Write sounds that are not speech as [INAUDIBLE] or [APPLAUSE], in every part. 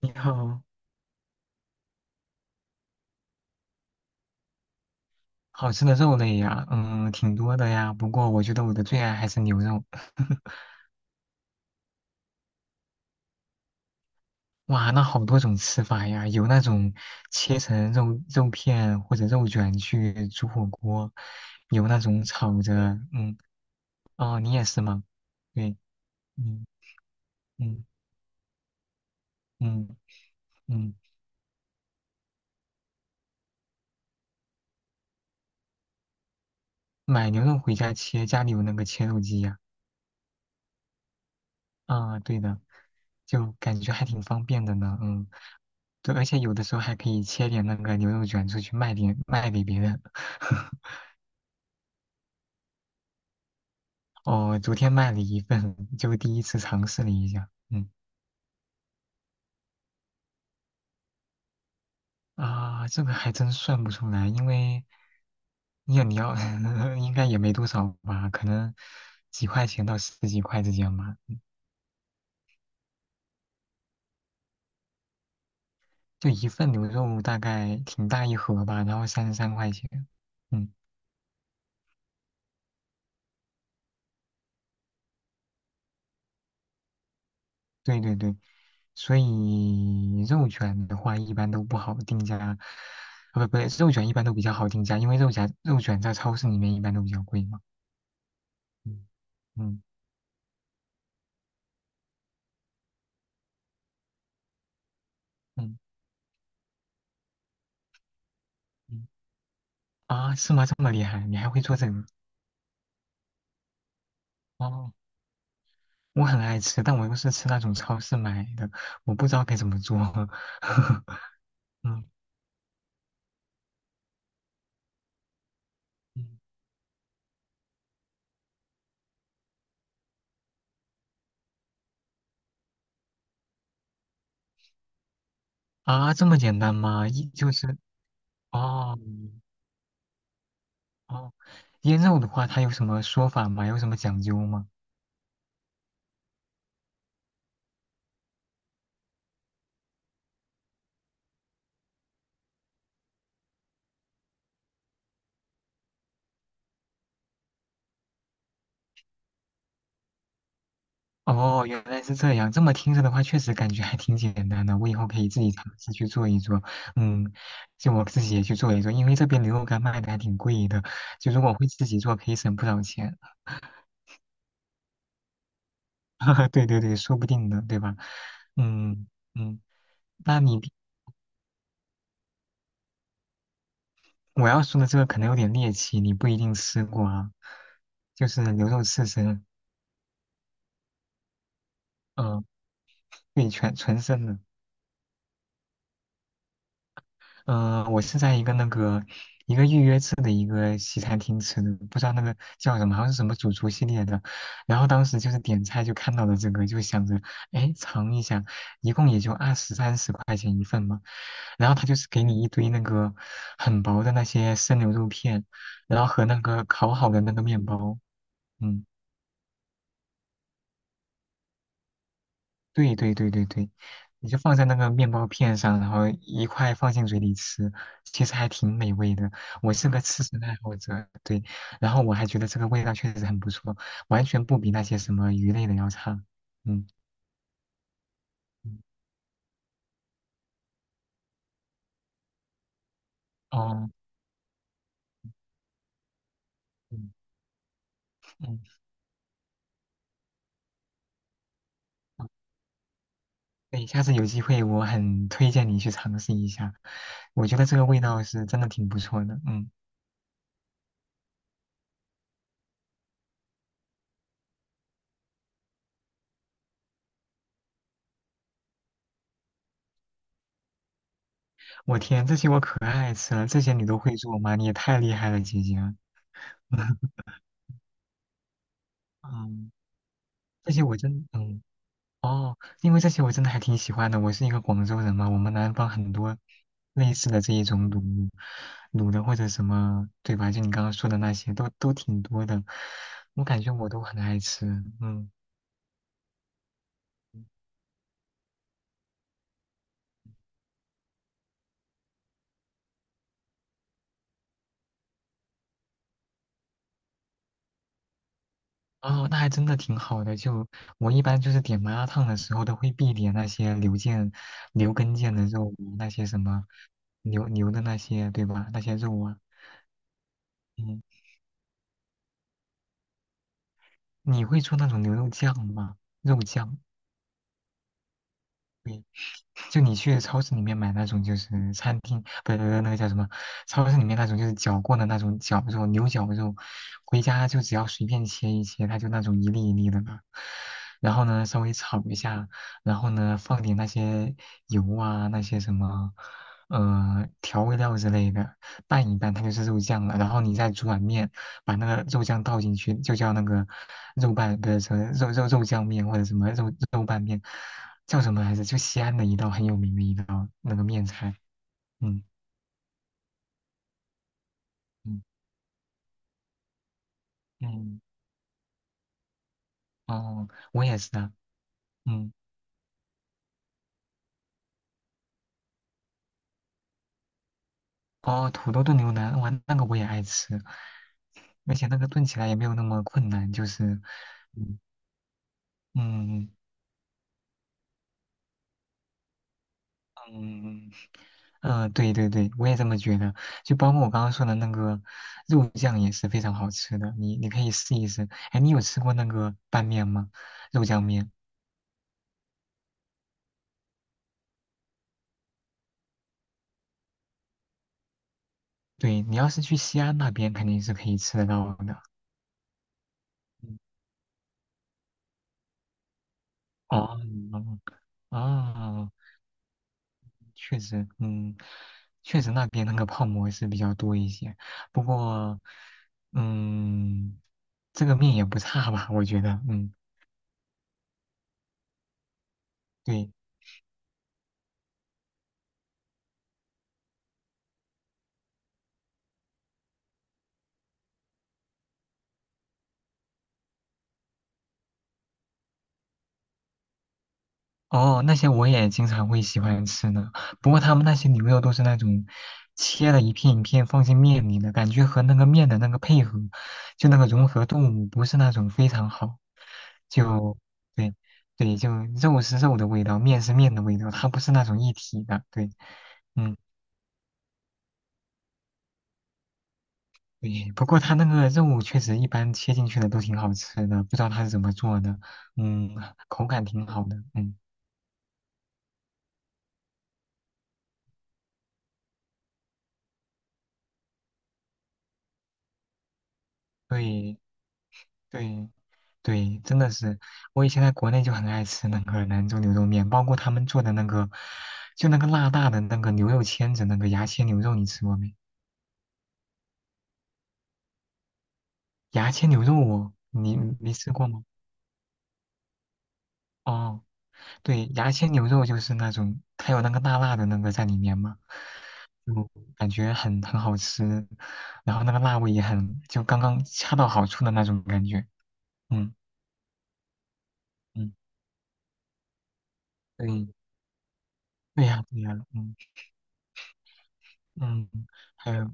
你好，好吃的肉类呀，嗯，挺多的呀。不过我觉得我的最爱还是牛肉。[LAUGHS] 哇，那好多种吃法呀，有那种切成肉片或者肉卷去煮火锅，有那种炒着，嗯，哦，你也是吗？对，嗯嗯嗯嗯，买牛肉回家切，家里有那个切肉机呀。啊，对的，就感觉还挺方便的呢。嗯。对，而且有的时候还可以切点那个牛肉卷出去卖点，卖给别人。[LAUGHS] 哦，昨天卖了一份，就第一次尝试了一下。嗯。啊，这个还真算不出来，因为你要 [LAUGHS] 应该也没多少吧，可能几块钱到十几块之间吧。就一份牛肉大概挺大一盒吧，然后33块钱。嗯。对对对，所以肉卷的话一般都不好定价，啊不，肉卷一般都比较好定价，因为肉夹肉卷在超市里面一般都比较贵嘛。嗯，嗯嗯嗯，啊，是吗？这么厉害，你还会做这个？哦，我很爱吃，但我又是吃那种超市买的，我不知道该怎么做。[LAUGHS] 嗯嗯，啊，这么简单吗？一就是。哦嗯哦，腌肉的话，它有什么说法吗？有什么讲究吗？哦，原来是这样。这么听着的话，确实感觉还挺简单的。我以后可以自己尝试去做一做。嗯，就我自己也去做一做，因为这边牛肉干卖的还挺贵的。就如果会自己做，可以省不少钱。[LAUGHS] 对对对，说不定呢，对吧？嗯嗯，那你。我要说的这个可能有点猎奇，你不一定吃过啊。就是牛肉刺身，嗯、对，全纯生的。嗯、我是在一个预约制的一个西餐厅吃的，不知道那个叫什么，好像是什么主厨系列的。然后当时就是点菜就看到了这个，就想着，哎，尝一下，一共也就二十三十块钱一份嘛。然后他就是给你一堆那个很薄的那些生牛肉片，然后和那个烤好的那个面包，嗯。对对对对对，你就放在那个面包片上，然后一块放进嘴里吃，其实还挺美味的。我是个吃神爱好者，对，然后我还觉得这个味道确实很不错，完全不比那些什么鱼类的要差。嗯，嗯，哦，嗯嗯，好，对，下次有机会我很推荐你去尝试一下，我觉得这个味道是真的挺不错的。嗯，我天，这些我可爱吃了，这些你都会做吗？你也太厉害了，姐姐啊。[LAUGHS] 嗯，这些我真。嗯。哦，因为这些我真的还挺喜欢的。我是一个广州人嘛，我们南方很多类似的这一种卤的或者什么，对吧？就你刚刚说的那些，都挺多的。我感觉我都很爱吃，嗯。哦，那还真的挺好的。就我一般就是点麻辣烫的时候，都会必点那些牛腱、牛跟腱的肉啊，那些什么牛的那些，对吧？那些肉啊，嗯，你会做那种牛肉酱吗？肉酱。对，就你去超市里面买那种就是餐厅，不是那个叫什么，超市里面那种就是绞过的那种绞肉，牛绞肉，回家就只要随便切一切，它就那种一粒一粒的嘛。然后呢，稍微炒一下，然后呢，放点那些油啊，那些什么，调味料之类的，拌一拌，它就是肉酱了。然后你再煮碗面，把那个肉酱倒进去，就叫那个肉拌，不是什么肉酱面或者什么肉拌面。叫什么来着？就西安的一道很有名的一道那个面菜。嗯，嗯嗯，哦，我也是啊。嗯，哦，土豆炖牛腩，哇，那个我也爱吃，而且那个炖起来也没有那么困难，就是，嗯嗯嗯，嗯，对对对，我也这么觉得。就包括我刚刚说的那个肉酱也是非常好吃的，你你可以试一试。哎，你有吃过那个拌面吗？肉酱面？对，你要是去西安那边肯定是可以吃得到的。嗯，哦，哦，确实，嗯，确实那边那个泡馍是比较多一些，不过，嗯，这个面也不差吧，我觉得，嗯，对，哦，那些我也经常会喜欢吃呢。不过他们那些牛肉都是那种切了一片一片放进面里的，感觉和那个面的那个配合，就那个融合度不是那种非常好。就对对，就肉是肉的味道，面是面的味道，它不是那种一体的。对，嗯，对。不过它那个肉确实一般切进去的都挺好吃的，不知道它是怎么做的。嗯，口感挺好的。嗯，对对。对，真的是，我以前在国内就很爱吃那个兰州牛肉面，包括他们做的那个，就那个辣辣的那个牛肉签子，那个牙签牛肉，你吃过没？牙签牛肉我，你没吃过吗？哦，对，牙签牛肉就是那种，它有那个辣辣的那个在里面嘛，就感觉很好吃，然后那个辣味也很，就刚刚恰到好处的那种感觉。嗯，嗯，对，对呀对呀，嗯嗯，还有。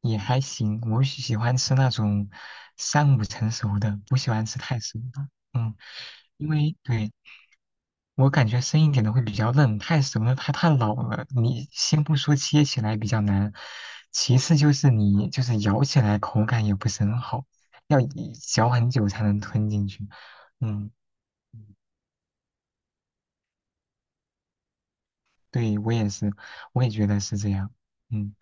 也还行，我喜欢吃那种三五成熟的，不喜欢吃太熟的。嗯，因为对我感觉生一点的会比较嫩，太熟了它太老了。你先不说切起来比较难，其次就是你就是咬起来口感也不是很好，要一嚼很久才能吞进去。嗯，对，我也是，我也觉得是这样。嗯，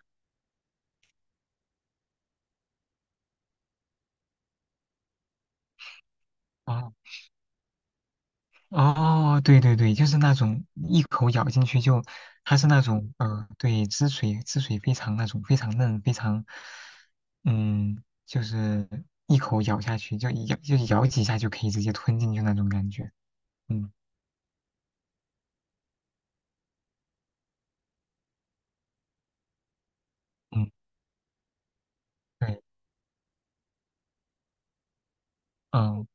哦，哦，对对对，就是那种一口咬进去就，它是那种，对，汁水非常那种非常嫩，非常，嗯，就是一口咬下去就一咬就咬几下就可以直接吞进去那种感觉。嗯，嗯，对，嗯。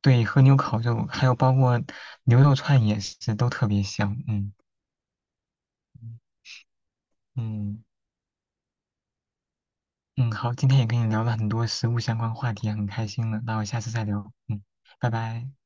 对，和牛烤肉还有包括牛肉串也是都特别香。嗯嗯嗯，好，今天也跟你聊了很多食物相关话题，很开心了。那我下次再聊。嗯，拜拜。